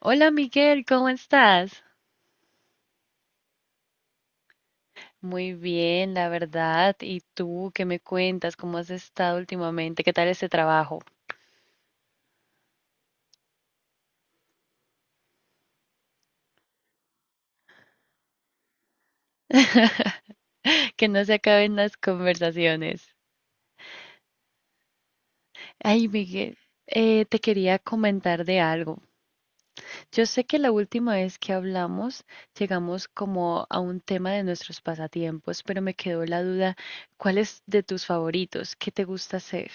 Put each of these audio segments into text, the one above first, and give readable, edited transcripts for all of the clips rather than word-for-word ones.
Hola Miguel, ¿cómo estás? Muy bien, la verdad. ¿Y tú qué me cuentas? ¿Cómo has estado últimamente? ¿Qué tal ese trabajo? Que no se acaben las conversaciones. Ay, Miguel, te quería comentar de algo. Yo sé que la última vez que hablamos llegamos como a un tema de nuestros pasatiempos, pero me quedó la duda, ¿cuál es de tus favoritos? ¿Qué te gusta hacer?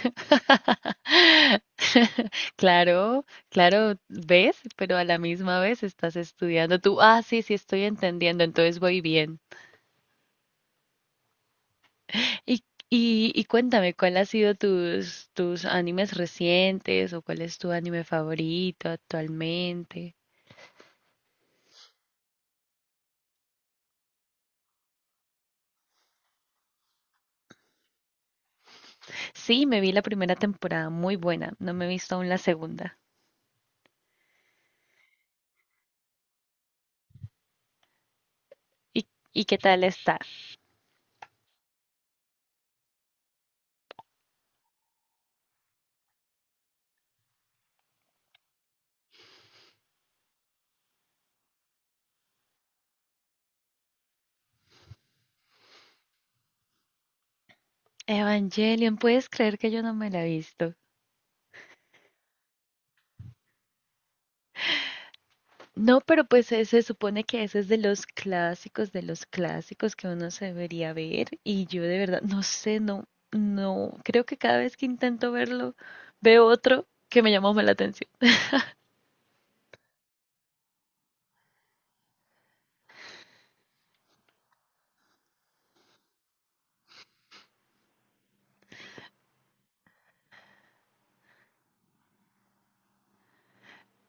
Claro, claro, ves, pero a la misma vez estás estudiando tú. Ah, sí, sí, estoy entendiendo, entonces voy bien. Y, y cuéntame, ¿cuál ha sido tus animes recientes o cuál es tu anime favorito actualmente? Sí, me vi la primera temporada, muy buena, no me he visto aún la segunda. ¿Y, ¿y qué tal está? Evangelion, ¿puedes creer que yo no me la he visto? No, pero pues se supone que ese es de los clásicos que uno se debería ver y yo de verdad no sé, no, no, creo que cada vez que intento verlo veo otro que me llama más la atención.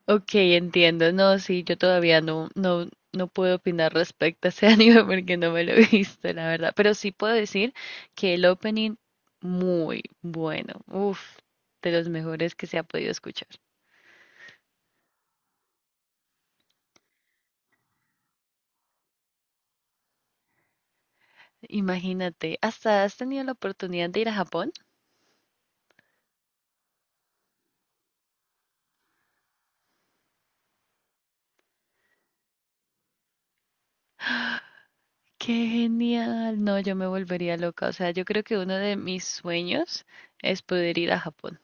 Ok, entiendo, no, sí, yo todavía no puedo opinar respecto a ese anime porque no me lo he visto, la verdad, pero sí puedo decir que el opening muy bueno, uff, de los mejores que se ha podido escuchar. Imagínate, ¿hasta has tenido la oportunidad de ir a Japón? Qué genial. No, yo me volvería loca. O sea, yo creo que uno de mis sueños es poder ir a Japón.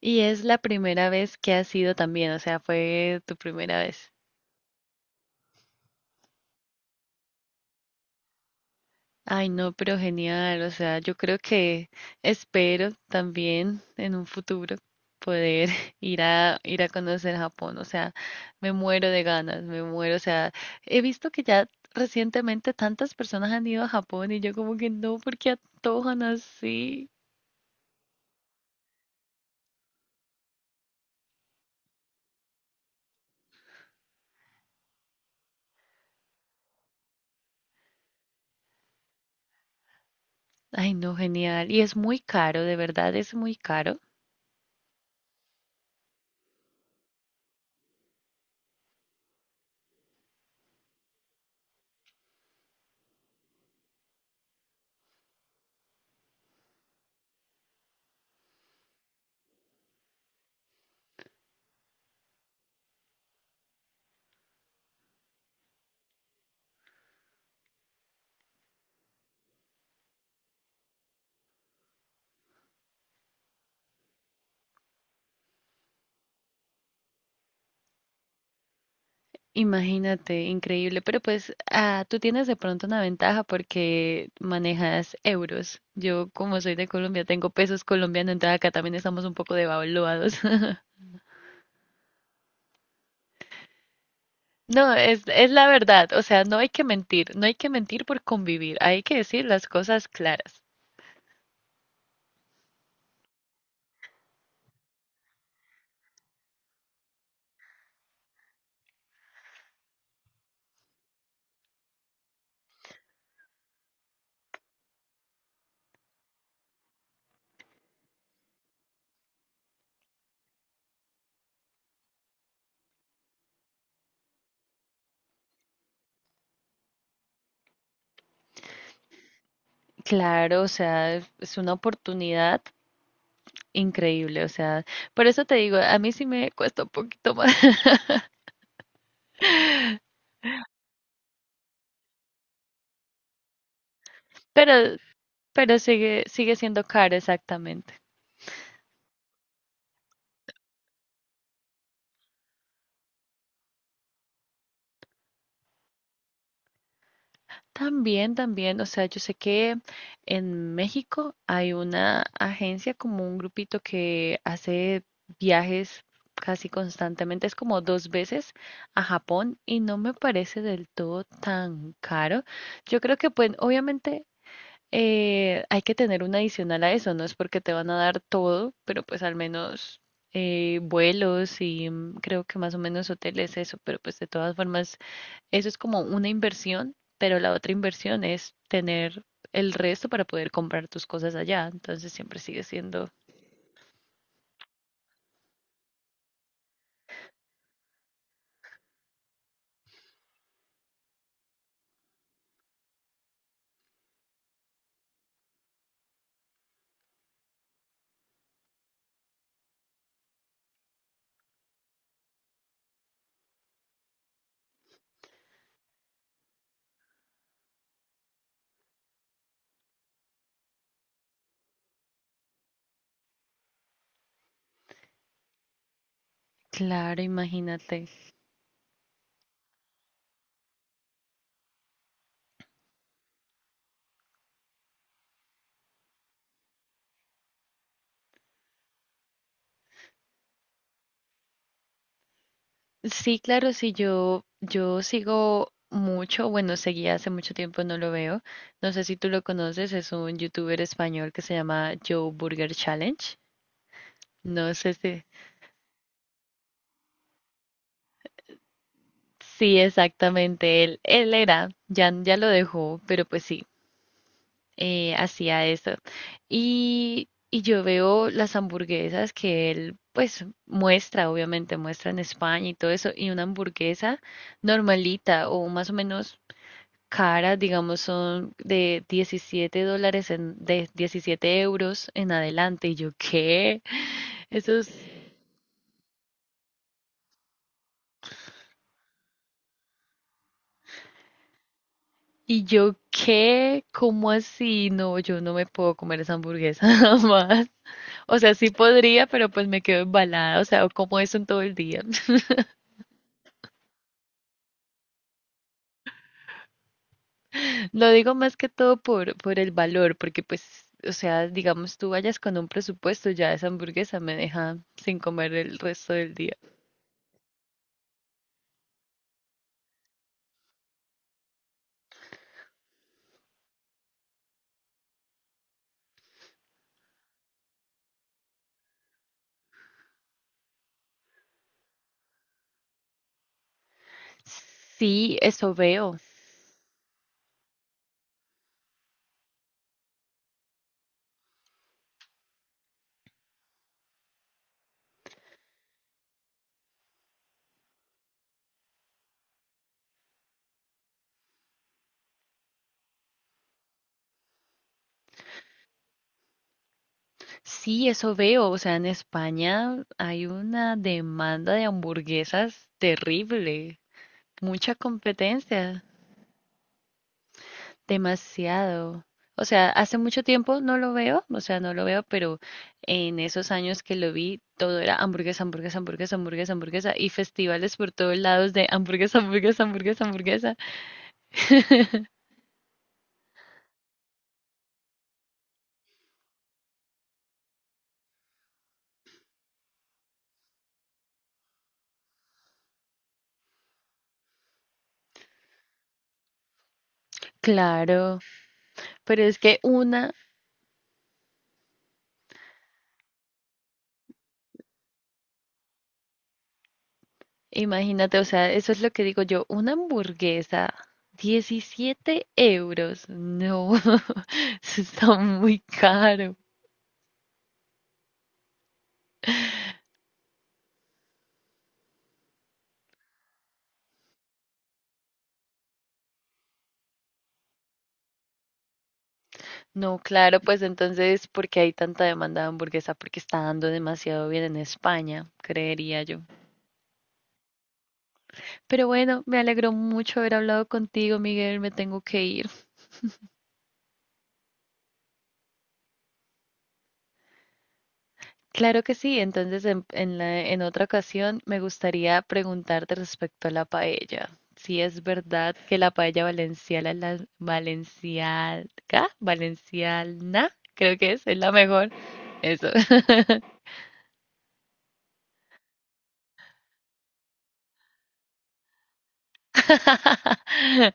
Y es la primera vez que has ido también. O sea, fue tu primera vez. Ay, no, pero genial. O sea, yo creo que espero también en un futuro poder ir a conocer Japón. O sea, me muero de ganas, me muero. O sea, he visto que ya recientemente tantas personas han ido a Japón y yo como que no, ¿por qué antojan así? Ay, no, genial. Y es muy caro, de verdad es muy caro. Imagínate, increíble. Pero pues tú tienes de pronto una ventaja porque manejas euros. Yo, como soy de Colombia, tengo pesos colombianos, entonces acá también estamos un poco devaluados. No, es la verdad. O sea, no hay que mentir. No hay que mentir por convivir. Hay que decir las cosas claras. Claro, o sea, es una oportunidad increíble. O sea, por eso te digo, a mí sí me cuesta un poquito más. Pero sigue siendo caro, exactamente. También, también, o sea, yo sé que en México hay una agencia, como un grupito que hace viajes casi constantemente, es como dos veces a Japón y no me parece del todo tan caro. Yo creo que, pues, obviamente hay que tener un adicional a eso, no es porque te van a dar todo, pero pues al menos vuelos y mm, creo que más o menos hoteles, eso, pero pues de todas formas eso es como una inversión, pero la otra inversión es tener el resto para poder comprar tus cosas allá. Entonces siempre sigue siendo... Claro, imagínate. Sí, claro, sí, yo sigo mucho, bueno, seguía hace mucho tiempo, no lo veo. No sé si tú lo conoces, es un youtuber español que se llama Joe Burger Challenge. No sé si... Sí, exactamente, él era, ya lo dejó, pero pues sigue. Hacía esto. Y yo veo las hamburguesas que él, pues, muestra, obviamente, muestra en España y todo eso, y una hamburguesa normalita o más o menos cara, digamos, son de 17 dólares, en, de 17 euros en adelante. Y yo, ¿qué? Eso es... ¿Y yo qué? ¿Cómo así? No, yo no me puedo comer esa hamburguesa jamás. O sea, sí podría, pero pues me quedo embalada. O sea, como eso en todo el día. Lo digo más que todo por, el valor, porque pues, o sea, digamos tú vayas con un presupuesto, ya esa hamburguesa me deja sin comer el resto del día. Sí, eso veo. Sí, eso veo. O sea, en España hay una demanda de hamburguesas terrible, mucha competencia. Demasiado. O sea, hace mucho tiempo no lo veo, o sea, no lo veo, pero en esos años que lo vi, todo era hamburguesa, hamburguesa, hamburguesa, hamburguesa, hamburguesa, y festivales por todos lados de hamburguesa, hamburguesa, hamburguesa, hamburguesa. Claro, pero es que una, imagínate, o sea, eso es lo que digo yo, una hamburguesa, 17 euros, no, eso está muy caro. No, claro, pues entonces, ¿por qué hay tanta demanda de hamburguesa? Porque está dando demasiado bien en España, creería yo. Pero bueno, me alegró mucho haber hablado contigo, Miguel, me tengo que ir. Claro que sí, entonces en otra ocasión me gustaría preguntarte respecto a la paella. Si es verdad que la paella valenciana, creo que es la mejor. Eso.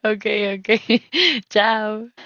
Ok, ok. Chao.